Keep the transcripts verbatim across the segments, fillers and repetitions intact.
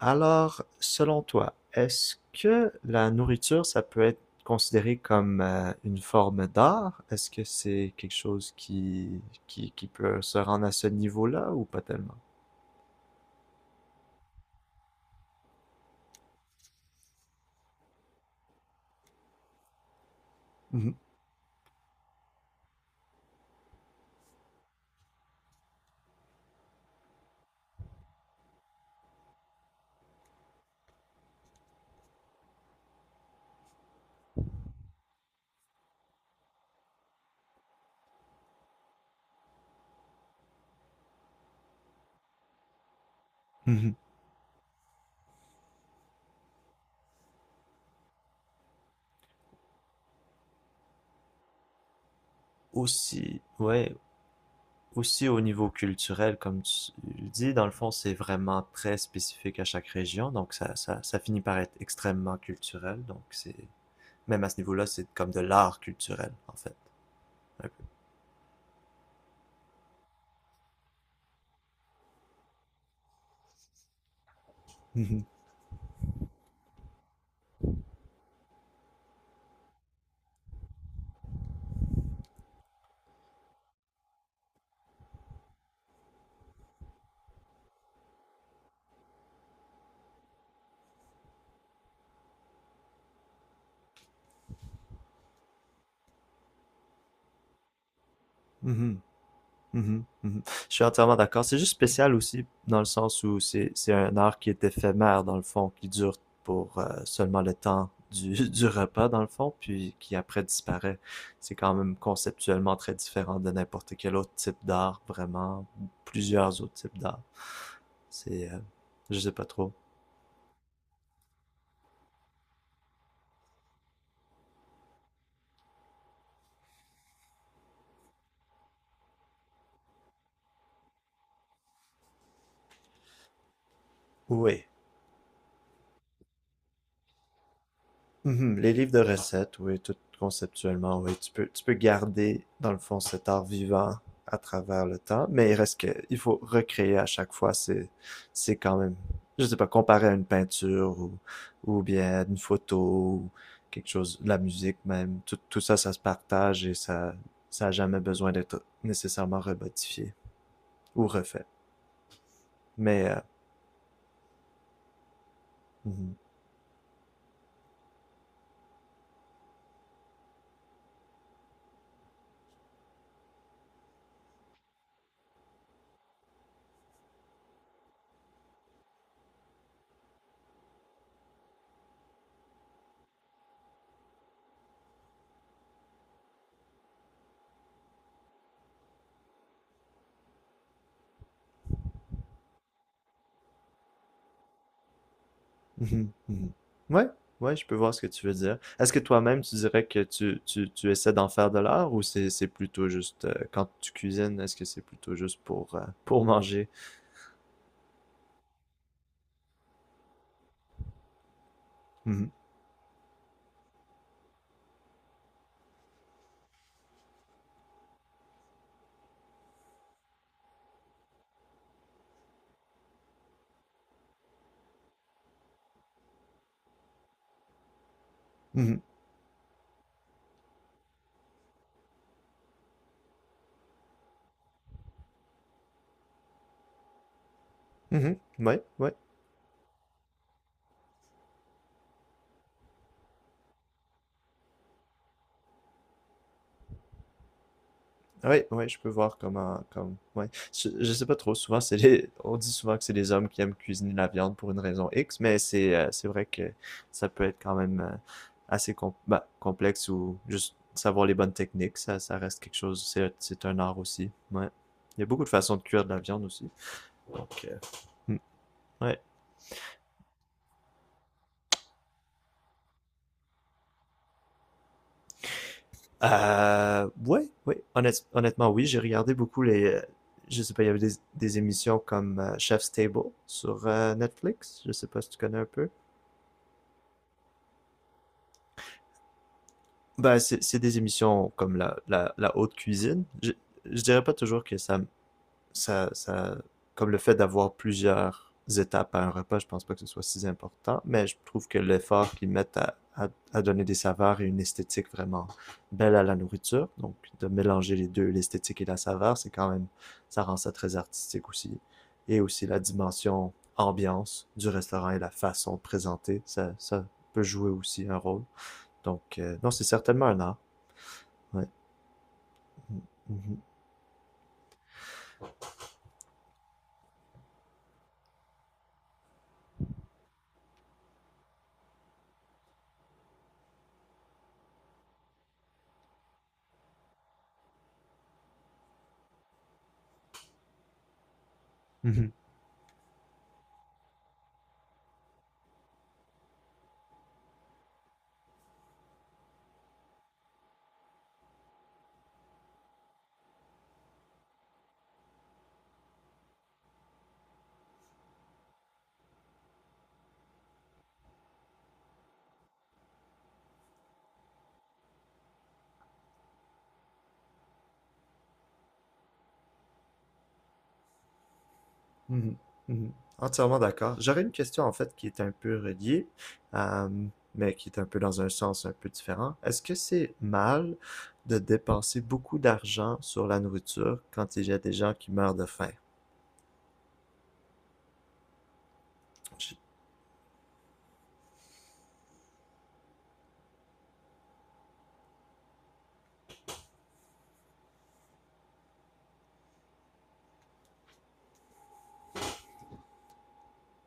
Alors, selon toi, est-ce que la nourriture, ça peut être considéré comme euh, une forme d'art? Est-ce que c'est quelque chose qui, qui, qui peut se rendre à ce niveau-là ou pas tellement? Mhm. Mhm. Aussi, ouais, aussi au niveau culturel, comme tu le dis, dans le fond, c'est vraiment très spécifique à chaque région, donc ça, ça, ça finit par être extrêmement culturel, donc c'est, même à ce niveau-là, c'est comme de l'art culturel, en fait, un peu. Mhm. Mhm. Mhm, mhm. Je suis entièrement d'accord. C'est juste spécial aussi dans le sens où c'est c'est un art qui est éphémère dans le fond, qui dure pour euh, seulement le temps du, du repas dans le fond, puis qui après disparaît. C'est quand même conceptuellement très différent de n'importe quel autre type d'art, vraiment, ou plusieurs autres types d'art. C'est, euh, je sais pas trop. Oui. Mhm. Les livres de recettes, oui, tout conceptuellement, oui. Tu peux, tu peux garder, dans le fond, cet art vivant à travers le temps, mais il reste que, il faut recréer à chaque fois. C'est, c'est quand même, je sais pas, comparé à une peinture ou, ou bien une photo ou quelque chose, la musique même. Tout, tout ça, ça se partage et ça, ça a jamais besoin d'être nécessairement remodifié ou refait. Mais, euh, mhm. Mhm, mhm. Ouais, ouais, je peux voir ce que tu veux dire. Est-ce que toi-même, tu dirais que tu, tu, tu essaies d'en faire de l'art ou c'est, c'est plutôt juste euh, quand tu cuisines, est-ce que c'est plutôt juste pour, euh, pour manger? Mhm, mhm, mhm. Ouais, ouais. Oui, oui, je peux voir comment, comme, ouais. Je, je sais pas trop, souvent, c'est les, on dit souvent que c'est les hommes qui aiment cuisiner la viande pour une raison X, mais c'est, euh, c'est vrai que ça peut être quand même euh, assez com- bah, complexe ou juste savoir les bonnes techniques, ça, ça reste quelque chose, c'est, c'est un art aussi, ouais. Il y a beaucoup de façons de cuire de la viande aussi, donc, euh, hmm, ouais. Euh, ouais, ouais, honnête- honnêtement, oui, j'ai regardé beaucoup les, euh, je sais pas, il y avait des, des émissions comme euh, Chef's Table sur euh, Netflix, je sais pas si tu connais un peu. Ben, c'est c'est des émissions comme la, la, la haute cuisine. Je, je dirais pas toujours que ça, ça, ça, comme le fait d'avoir plusieurs étapes à un repas, je pense pas que ce soit si important, mais je trouve que l'effort qu'ils mettent à, à, à donner des saveurs et une esthétique vraiment belle à la nourriture, donc de mélanger les deux, l'esthétique et la saveur, c'est quand même, ça rend ça très artistique aussi. Et aussi la dimension ambiance du restaurant et la façon de présenter, ça, ça peut jouer aussi un rôle. Donc, euh, non, c'est certainement un art. Ouais. Mhm. Mhm. Mhm. Mhm. Entièrement d'accord. J'aurais une question en fait qui est un peu reliée, euh, mais qui est un peu dans un sens un peu différent. Est-ce que c'est mal de dépenser beaucoup d'argent sur la nourriture quand il y a des gens qui meurent de faim? Je-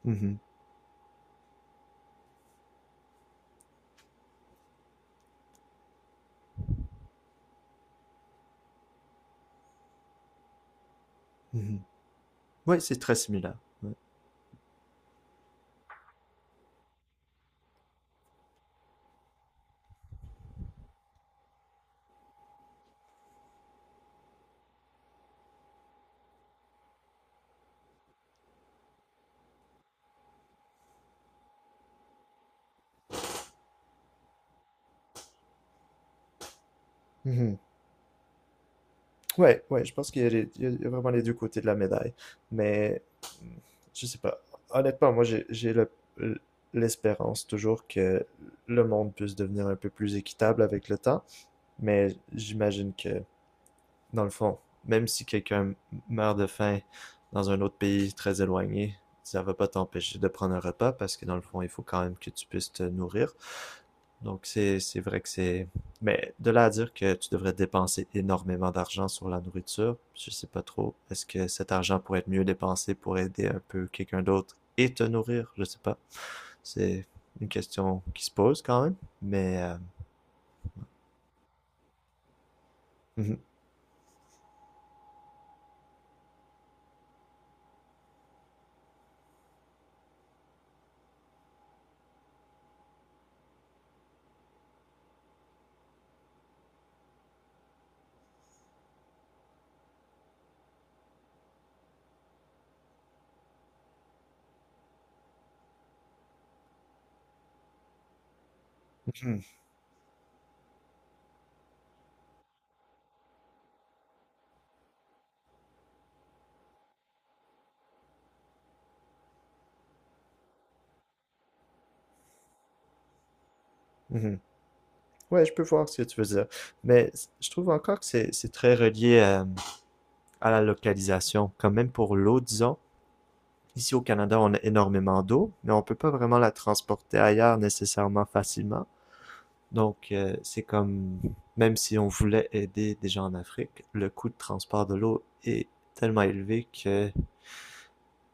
Mhm. Mhm. Oui, c'est très similaire. Ouais. Ouais, ouais, je pense qu'il y a, les- il y a- il y a vraiment les deux côtés de la médaille. Mais hmm, je sais pas. Honnêtement, moi, j'ai j'ai le- l'espérance toujours que le monde puisse devenir un peu plus équitable avec le temps. Mais j'imagine que, dans le fond, même si quelqu'un meurt de faim dans un autre pays très éloigné, ça va pas t'empêcher de prendre un repas parce que, dans le fond, il faut quand même que tu puisses te nourrir. Donc, c'est c'est vrai que c'est... Mais de là à dire que tu devrais dépenser énormément d'argent sur la nourriture, je sais pas trop. Est-ce que cet argent pourrait être mieux dépensé pour aider un peu quelqu'un d'autre et te nourrir? Je sais pas. C'est une question qui se pose quand même, mais... euh, Ouais, je peux voir ce que tu veux dire. Mais je trouve encore que c'est c'est très relié euh, à la localisation. Quand même pour l'eau, disons. Ici au Canada, on a énormément d'eau, mais on peut pas vraiment la transporter ailleurs nécessairement facilement. Donc, euh, c'est comme, même si on voulait aider des gens en Afrique, le coût de transport de l'eau est tellement élevé que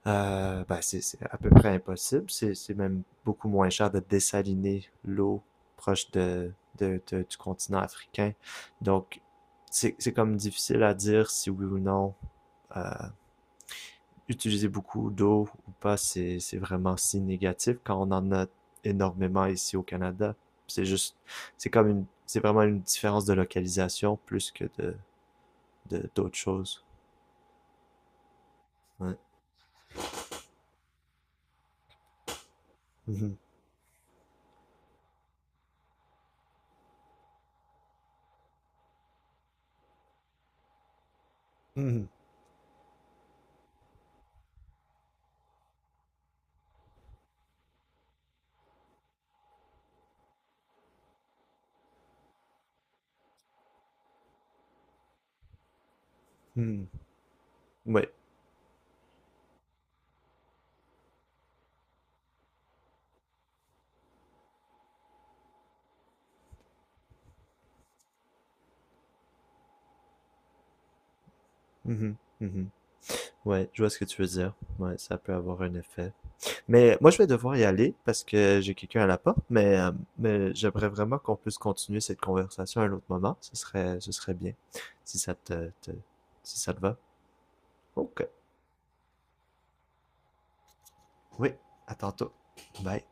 euh, ben, c'est c'est à peu près impossible. C'est c'est même beaucoup moins cher de dessaliner l'eau proche de, de- de- du continent africain. Donc, c'est c'est comme difficile à dire si oui ou non euh, utiliser beaucoup d'eau ou pas, c'est c'est vraiment si négatif quand on en a énormément ici au Canada. C'est juste, c'est comme une, c'est vraiment une différence de localisation plus que de de- d'autres choses. Ouais. Mhm. Mhm. Mhm. Ouais. Mhm. Mhm. Ouais, je vois ce que tu veux dire. Ouais, ça peut avoir un effet. Mais moi, je vais devoir y aller parce que j'ai quelqu'un à la porte, mais, euh, mais j'aimerais vraiment qu'on puisse continuer cette conversation à un autre moment. Ce serait, ce serait bien, si ça te, te- si ça te va. Ok. Oui, à tantôt. Bye.